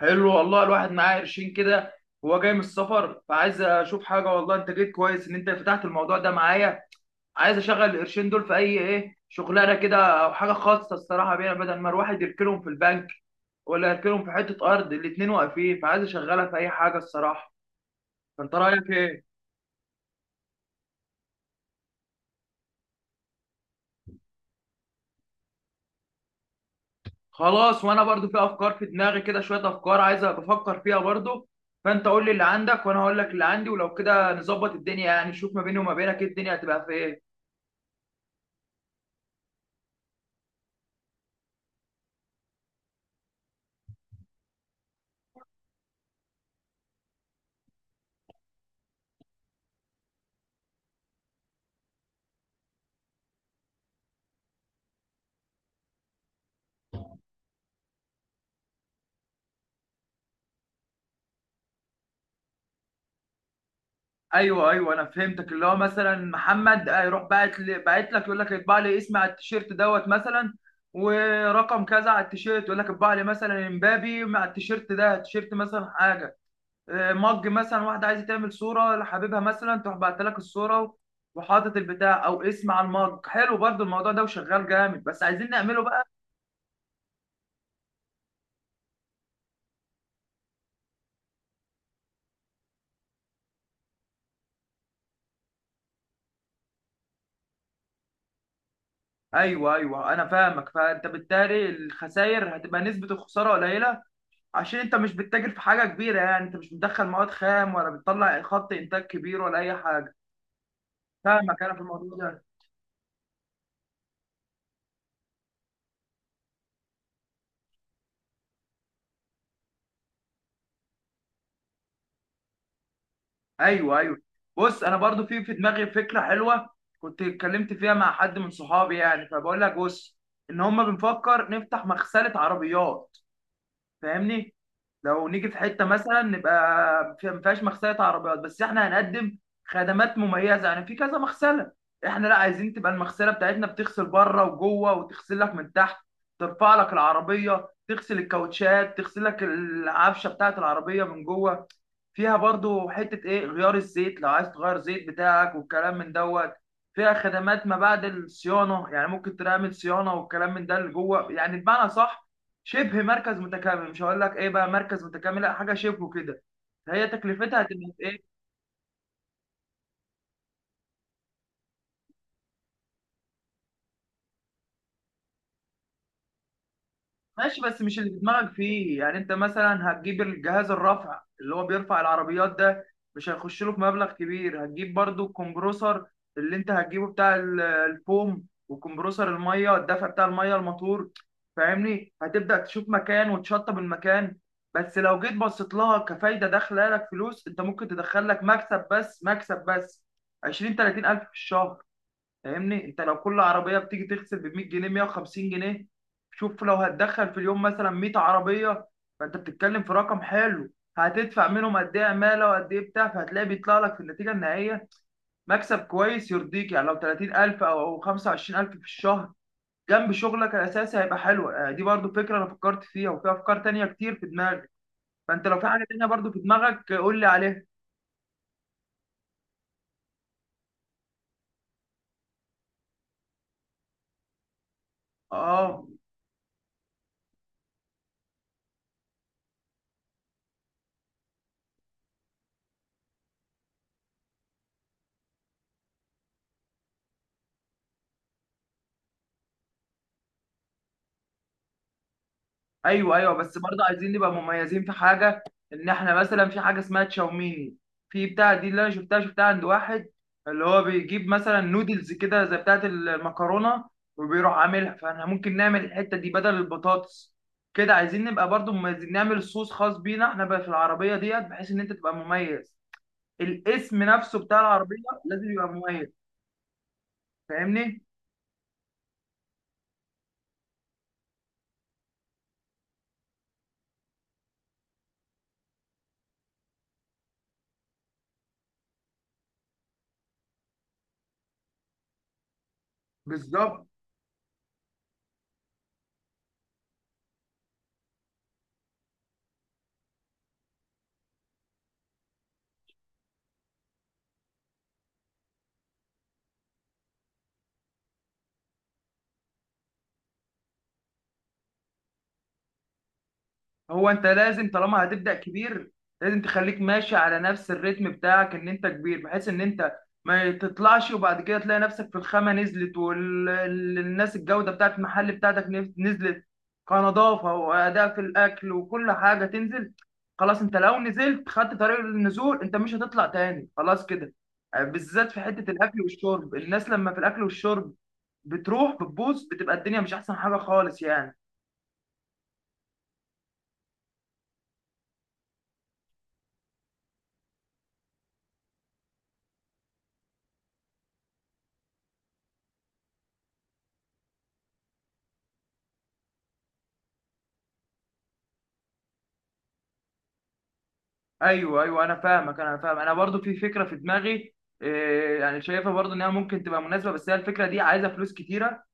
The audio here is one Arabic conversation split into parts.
حلو والله، الواحد معاه قرشين كده. هو جاي من السفر فعايز اشوف حاجه والله. انت جيت كويس ان انت فتحت الموضوع ده معايا. عايز اشغل القرشين دول في اي، ايه شغلانه كده او حاجه خاصه الصراحه بيها، بدل ما الواحد يركنهم في البنك ولا يركنهم في حته ارض. الاتنين واقفين، فعايز اشغلها في اي حاجه الصراحه. فانت رايك ايه؟ خلاص، وانا برضو في افكار في دماغي كده، شويه افكار عايز بفكر فيها برضو. فانت قول لي اللي عندك وانا هقول لك اللي عندي، ولو كده نظبط الدنيا، يعني نشوف ما بيني وما بينك إيه الدنيا هتبقى في ايه. ايوه ايوه، انا فهمتك، اللي هو مثلا محمد يروح باعت لي، باعت لك يقول لك اطبع لي اسمي على التيشيرت دوت مثلا، ورقم كذا على التيشيرت، يقول لك اطبع لي مثلا امبابي مع التيشيرت ده، تيشيرت مثلا حاجه مج. مثلا واحده عايزه تعمل صوره لحبيبها، مثلا تروح بعت لك الصوره وحاطط البتاع او اسم على المج. حلو برضو الموضوع ده وشغال جامد، بس عايزين نعمله بقى. ايوه ايوه، انا فاهمك. فانت بالتالي الخسائر هتبقى نسبه الخساره قليله، عشان انت مش بتتاجر في حاجه كبيره، يعني انت مش بتدخل مواد خام ولا بتطلع خط انتاج كبير ولا اي حاجه. فاهمك انا في الموضوع ده. ايوه ايوه. بص انا برضو في دماغي فكره حلوه، كنت اتكلمت فيها مع حد من صحابي يعني. فبقول لك بص، ان هم بنفكر نفتح مغسله عربيات، فاهمني؟ لو نيجي في حته مثلا نبقى ما فيهاش مغسله عربيات، بس احنا هنقدم خدمات مميزه يعني في كذا مغسله. احنا لا، عايزين تبقى المغسله بتاعتنا بتغسل بره وجوه، وتغسل لك من تحت، ترفع لك العربيه، تغسل الكاوتشات، تغسل لك العفشه بتاعت العربيه من جوه. فيها برضو حته ايه، غيار الزيت لو عايز تغير زيت بتاعك والكلام من دوت. فيها خدمات ما بعد الصيانه، يعني ممكن تعمل صيانه والكلام من ده اللي جوه، يعني بمعنى صح شبه مركز متكامل. مش هقول لك ايه بقى مركز متكامل لا، حاجه شبهه كده. هي تكلفتها هتبقى في ايه؟ ماشي، بس مش اللي في دماغك فيه، يعني انت مثلا هتجيب الجهاز الرفع اللي هو بيرفع العربيات ده مش هيخش له في مبلغ كبير. هتجيب برضو الكمبروسر اللي انت هتجيبه بتاع الفوم، وكمبروسر الميه الدفع بتاع الميه الموتور، فاهمني؟ هتبدأ تشوف مكان وتشطب المكان. بس لو جيت بصيت لها كفايدة داخلة لك فلوس، انت ممكن تدخل لك مكسب، بس مكسب بس 20 30 ألف في الشهر، فاهمني؟ انت لو كل عربيه بتيجي تغسل ب 100 جنيه 150 جنيه، شوف لو هتدخل في اليوم مثلا 100 عربيه، فانت بتتكلم في رقم حلو. هتدفع منهم قد ايه عماله، وقد ايه بتاع، فهتلاقي بيطلع لك في النتيجه النهائيه مكسب كويس يرضيك، يعني لو 30000 او 25000 في الشهر جنب شغلك الاساسي هيبقى حلو. دي برضو فكره انا فكرت فيها، وفي افكار تانية كتير في دماغي. فانت لو في حاجه تانية برضو في دماغك قول لي عليها. اه. ايوه ايوه، بس برضه عايزين نبقى مميزين في حاجه. ان احنا مثلا في حاجه اسمها تشاوميني، في بتاع دي اللي انا شفتها عند واحد، اللي هو بيجيب مثلا نودلز كده زي بتاعه المكرونه وبيروح عاملها. فاحنا ممكن نعمل الحته دي بدل البطاطس كده. عايزين نبقى برضه مميزين، نعمل صوص خاص بينا احنا بقى في العربيه ديت، بحيث ان انت تبقى مميز. الاسم نفسه بتاع العربيه لازم يبقى مميز، فاهمني؟ بالظبط. هو انت لازم طالما هتبدأ كبير، لازم تخليك ماشي على نفس الريتم بتاعك ان انت كبير، بحيث ان انت ما تطلعش وبعد كده تلاقي نفسك في الخامة نزلت، والناس الجودة بتاعت المحل بتاعتك نزلت كنظافة وأداء في الأكل، وكل حاجة تنزل. خلاص انت لو نزلت خدت طريق النزول، انت مش هتطلع تاني خلاص كده. بالذات في حتة الأكل والشرب. الناس لما في الأكل والشرب بتروح بتبوظ، بتبقى الدنيا مش أحسن حاجة خالص يعني. ايوه ايوه، انا فاهمك، انا فاهم. انا برضو في فكره في دماغي إيه، يعني شايفها برضو انها ممكن تبقى مناسبه، بس هي الفكره دي عايزه فلوس كتيره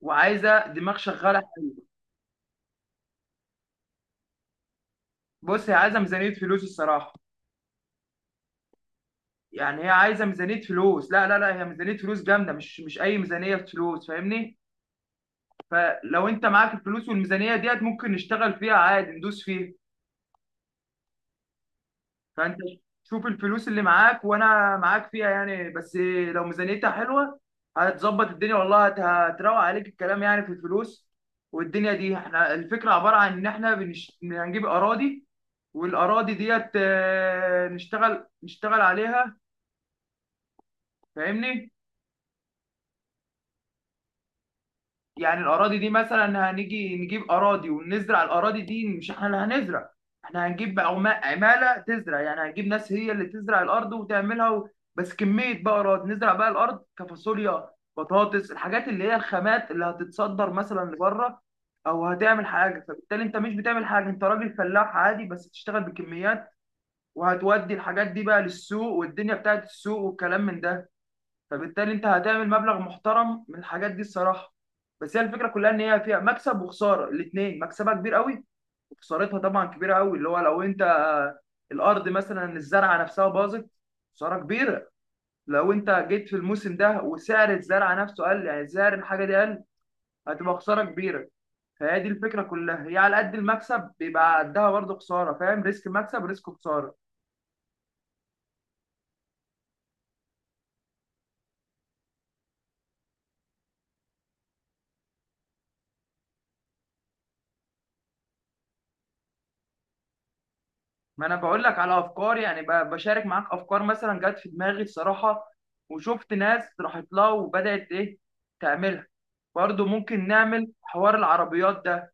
وعايزه دماغ شغاله. بص، هي عايزه ميزانيه فلوس الصراحه، يعني هي عايزه ميزانيه فلوس. لا لا لا، هي ميزانيه فلوس جامده، مش اي ميزانيه فلوس، فاهمني؟ فلو انت معاك الفلوس والميزانيه ديت، ممكن نشتغل فيها عادي، ندوس فيها. فانت شوف الفلوس اللي معاك، وانا معاك فيها يعني، بس لو ميزانيتها حلوه هتظبط الدنيا والله. هتروق عليك الكلام يعني في الفلوس. والدنيا دي احنا الفكره عباره عن ان احنا هنجيب اراضي، والاراضي ديت نشتغل نشتغل عليها، فاهمني؟ يعني الأراضي دي مثلا هنيجي نجيب أراضي ونزرع الأراضي دي. مش احنا اللي هنزرع، احنا هنجيب عمالة تزرع، يعني هنجيب ناس هي اللي تزرع الأرض وتعملها و... بس كمية بقى أراضي، نزرع بقى الأرض كفاصوليا، بطاطس، الحاجات اللي هي الخامات اللي هتتصدر مثلا لبره أو هتعمل حاجة. فبالتالي أنت مش بتعمل حاجة، أنت راجل فلاح عادي بس بتشتغل بكميات، وهتودي الحاجات دي بقى للسوق والدنيا بتاعت السوق والكلام من ده. فبالتالي انت هتعمل مبلغ محترم من الحاجات دي الصراحه. بس هي الفكره كلها ان هي فيها مكسب وخساره الاثنين. مكسبها كبير قوي، وخسارتها طبعا كبيره قوي، اللي هو لو انت الارض مثلا الزرعه نفسها باظت، خساره كبيره. لو انت جيت في الموسم ده وسعر الزرعه نفسه قل، يعني سعر الحاجه دي قل، هتبقى خساره كبيره. فهي دي الفكره كلها، هي على قد المكسب بيبقى قدها برضه خساره، فاهم؟ ريسك مكسب، ريسك خساره. ما انا بقول لك على افكار يعني، بشارك معاك افكار مثلا جت في دماغي الصراحه، وشفت ناس راحت لها وبدات ايه تعملها. برضو ممكن نعمل حوار العربيات ده.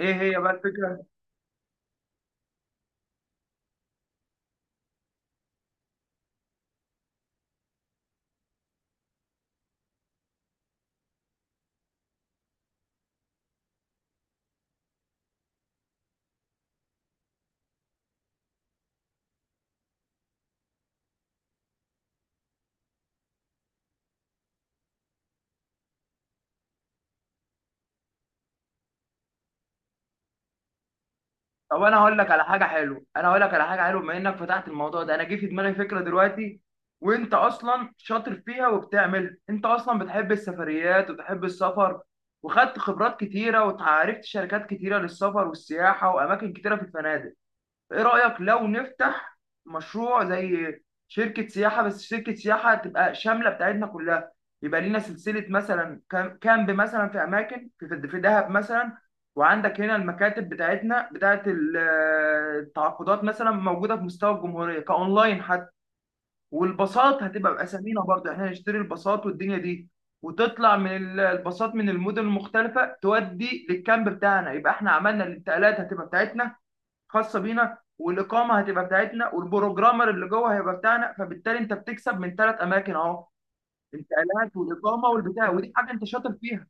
ايه هي بقى الفكره؟ طب انا هقول لك على حاجه حلوه، بما انك فتحت الموضوع ده، انا جه في دماغي فكره دلوقتي، وانت اصلا شاطر فيها وبتعملها، انت اصلا بتحب السفريات وبتحب السفر، وخدت خبرات كتيره وتعرفت شركات كتيره للسفر والسياحه واماكن كتيره في الفنادق. ايه رأيك لو نفتح مشروع زي شركة سياحة؟ بس شركة سياحة تبقى شاملة بتاعتنا كلها. يبقى لينا سلسلة مثلا كامب مثلا في أماكن في في في دهب مثلا، وعندك هنا المكاتب بتاعتنا بتاعت التعاقدات مثلا موجودة في مستوى الجمهورية كأونلاين حتى، والباصات هتبقى بأسامينا برضه، احنا نشتري الباصات والدنيا دي، وتطلع من الباصات من المدن المختلفة تودي للكامب بتاعنا، يبقى احنا عملنا الانتقالات هتبقى بتاعتنا خاصه بينا، والاقامه هتبقى بتاعتنا، والبروجرامر اللي جوه هيبقى بتاعنا. فبالتالي انت بتكسب من ثلاث اماكن اهو، الانتقالات والاقامه والبتاع، ودي حاجه انت شاطر فيها.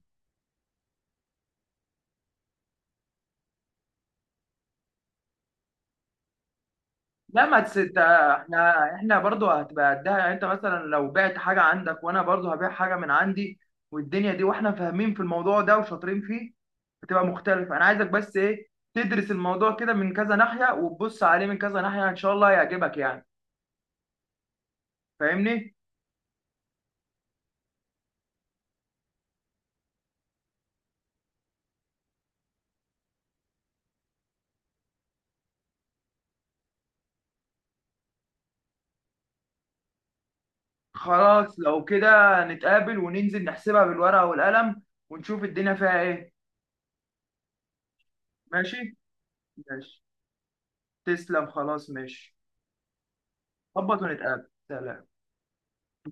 لا، ما احنا برضو هتبقى قدها يعني، انت مثلا لو بعت حاجه عندك، وانا برضو هبيع حاجه من عندي والدنيا دي، واحنا فاهمين في الموضوع ده وشاطرين فيه، هتبقى مختلفه. انا عايزك بس ايه، تدرس الموضوع كده من كذا ناحيه، وتبص عليه من كذا ناحيه، ان شاء الله هيعجبك يعني، فاهمني؟ خلاص لو كده، نتقابل وننزل نحسبها بالورقة والقلم، ونشوف الدنيا فيها ايه. ماشي. ماشي. تسلم، خلاص ماشي. ظبط، ونتقابل، سلام.